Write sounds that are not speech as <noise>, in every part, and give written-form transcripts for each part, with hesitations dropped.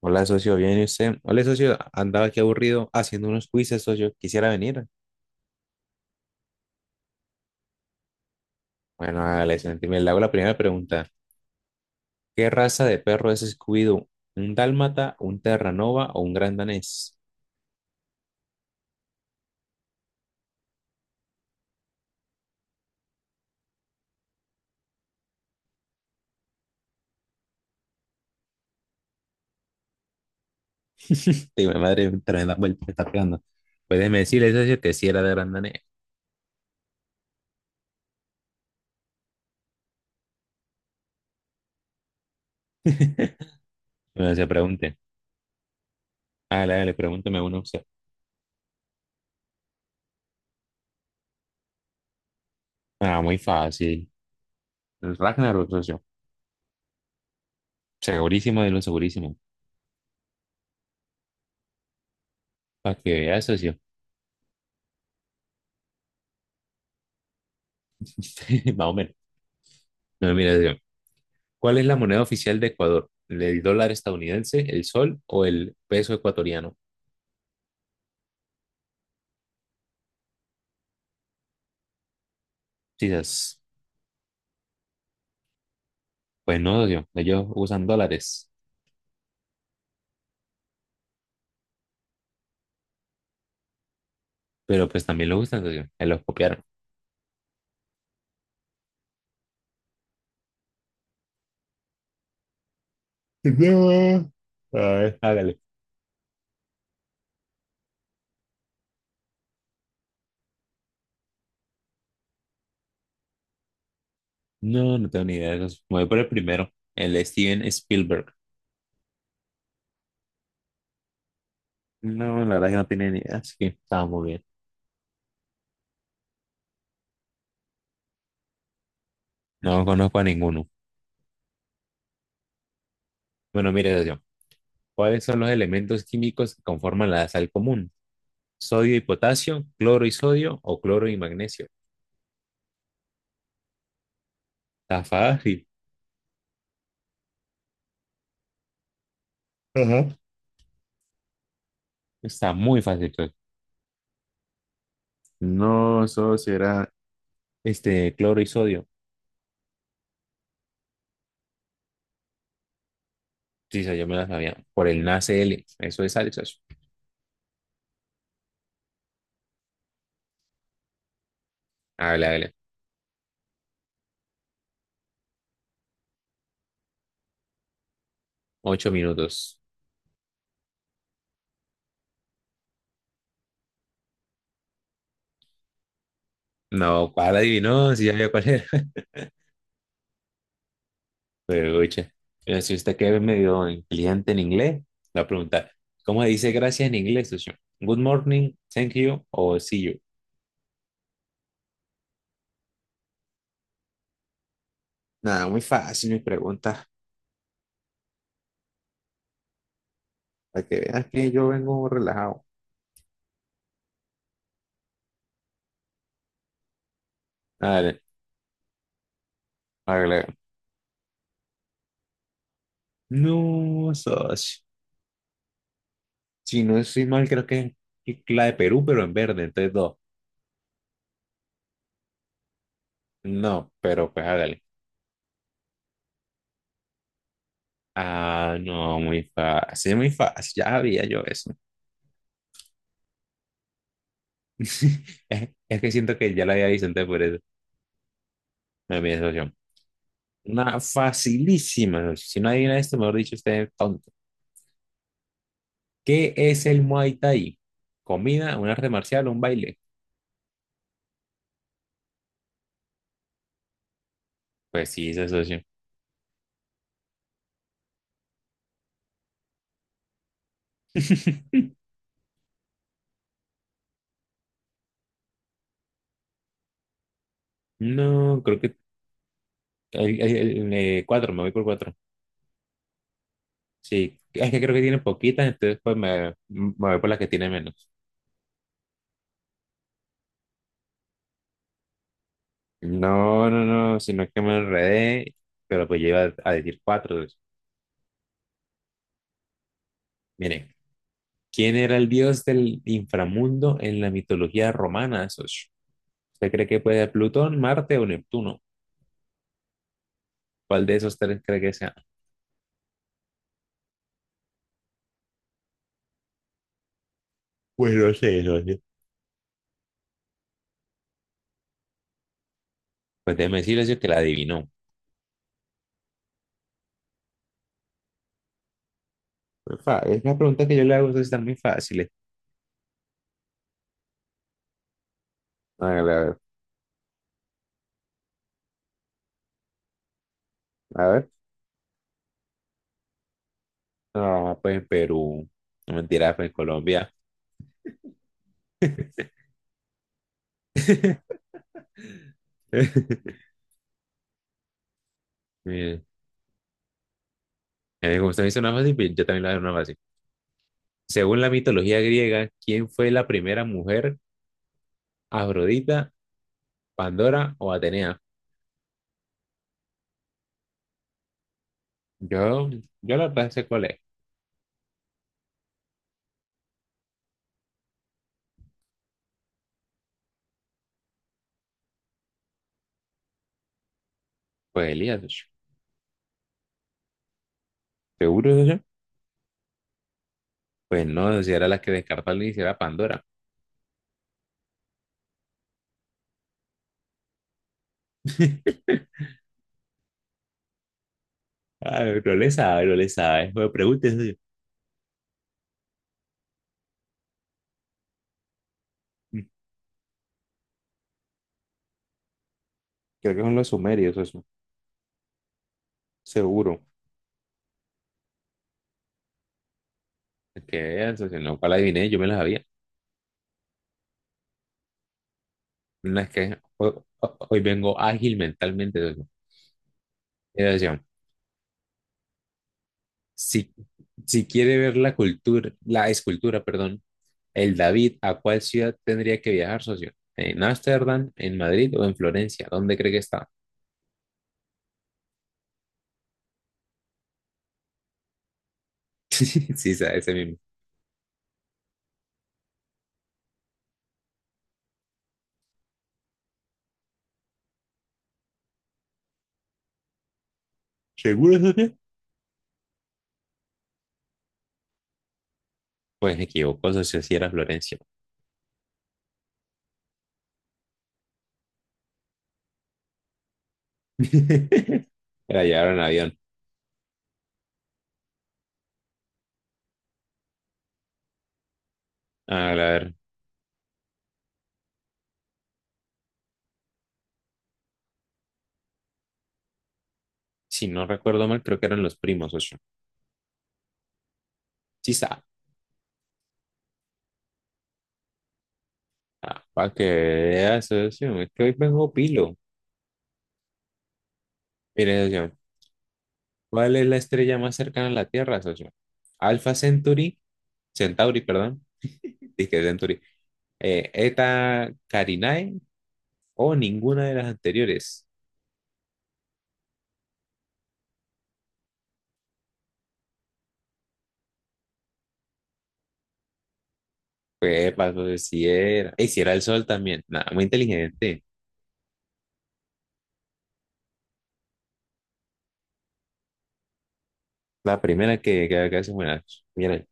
Hola, socio, ¿bien y usted? Hola, socio, andaba aquí aburrido haciendo unos quizzes, socio, quisiera venir. Bueno, hágale, sentime. Le hago la primera pregunta. ¿Qué raza de perro es Scooby-Doo? ¿Un dálmata, un terranova o un gran danés? Digo, mi madre, tremenda vuelta, me está pegando. Pues déjeme decirle, socio, que sí era de gran danés. Bueno, se pregunte. Hágale, hágale, pregúnteme uno usted. Ah, muy fácil. El Ragnarok, socio. Segurísimo de lo segurísimo. Para que vea, socio. <laughs> Más o menos. No, mira, ¿cuál es la moneda oficial de Ecuador? ¿El dólar estadounidense, el sol o el peso ecuatoriano? Quizás, pues no, socio, ellos usan dólares, pero pues también lo usan, socio, ahí los copiaron. No. A ver. Hágale. No, no tengo ni idea de eso. Me voy por el primero, el Steven Spielberg. No, la verdad que no tenía ni idea, así que estaba muy bien. No conozco a ninguno. Bueno, mire, socio, ¿cuáles son los elementos químicos que conforman la sal común? ¿Sodio y potasio, cloro y sodio o cloro y magnesio? Está fácil. Ujú. Está muy fácil, creo. No, eso sí era este cloro y sodio. Sí, sí, yo me la sabía. Por el NaCl. Eso es sal, socio. Hágale, hágale. 8 minutos. No, ¿cuál adivinó? Si ya había cuál era. <laughs> Pero, oye, mira, si usted que es medio inteligente en inglés, la a preguntar, ¿cómo se dice gracias en inglés, socio? Good morning, thank you o see you. Nada, muy fácil mis preguntas. Para que veas que yo vengo relajado. Dale, hágale, hágale. No, socio. Si no estoy mal, creo que es la de Perú, pero en verde, entonces dos. No, pero pues hágale. Ah, no, muy fácil, ya había yo eso. <laughs> Es que siento que ya lo había visto antes por eso, no mi asociación. Una facilísima, si no adivina esto, mejor dicho, usted es tonto. ¿Qué es el Muay Thai? ¿Comida, un arte marcial o un baile? Pues sí, es asociación. <laughs> No, creo que cuatro, me voy por cuatro. Sí, es que creo que tiene poquitas, entonces pues me voy por las que tiene menos. No, no, no, sino que me enredé, pero pues yo iba a decir cuatro. Entonces, mire, ¿quién era el dios del inframundo en la mitología romana? Esos. ¿Usted cree que puede ser Plutón, Marte o Neptuno? ¿Cuál de esos tres cree que sea? Pues no sé, no sé. Pues déjeme decirle eso que la adivinó. Pues, fa- es una pregunta que yo le hago, ustedes están muy fáciles. Hágale, a ver, a ver. No, pues en Perú. No mentira, pues en Colombia. <laughs> Mira, como usted me hizo una fácil, bien, yo también le voy a dar una fácil. Según la mitología griega, ¿quién fue la primera mujer? ¿Afrodita, Pandora o Atenea? Yo, yo la verdad sé cuál es. Pues Elías, sh- ¿seguro de? Pues no, si era la que descartó al inicio, era Pandora. <laughs> Ah, no le sabe, no le sabe. Pues, me pregunte, socio. Mm, creo que son los sumerios, eso. Sí, seguro. Que vean, socio, no, para la adiviné, yo me la sabía. No, es que hoy, hoy vengo ágil mentalmente, socio. Si, si quiere ver la cultura, la escultura, perdón, el David, ¿a cuál ciudad tendría que viajar, socio? ¿En Ámsterdam, en Madrid o en Florencia? ¿Dónde cree que está? <laughs> Sí, sabe, ese mismo. ¿Seguro, socio? Pues me equivoco, socio, si era Florencia. <laughs> Era llevar en avión. A ver, si no recuerdo mal, creo que eran los primos, socio. Sí, sabe. Ah, para que veas, socio, es que hoy vengo pilo. Mire, socio, ¿cuál es la estrella más cercana a la Tierra, socio? ¿Alpha Centauri, Centauri, perdón, dije Centauri, Eta Carinae o ninguna de las anteriores? Pues, pues, si era, y si era el sol también, nada, muy inteligente. La primera que se muera. Mira.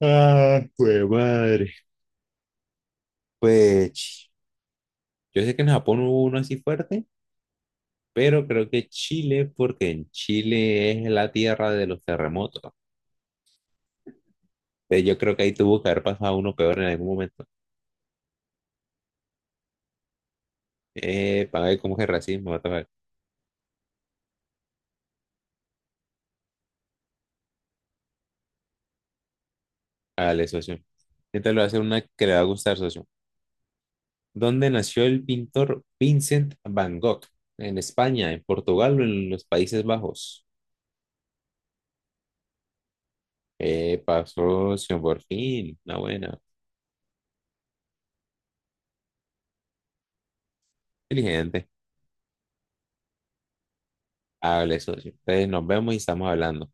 Ah, pues madre. Pues ch- yo sé que en Japón hubo uno así fuerte, pero creo que Chile, porque en Chile es la tierra de los terremotos. Yo creo que ahí tuvo que haber pasado uno peor en algún momento. Para ver cómo es el racismo, what the fuck. Dale, socio. ¿Qué tal lo hace una que le va a gustar, socio? ¿Dónde nació el pintor Vincent Van Gogh? ¿En España, en Portugal o en los Países Bajos? Epa, socio, por fin. Una buena. Inteligente. Hable, socio. Entonces nos vemos y estamos hablando.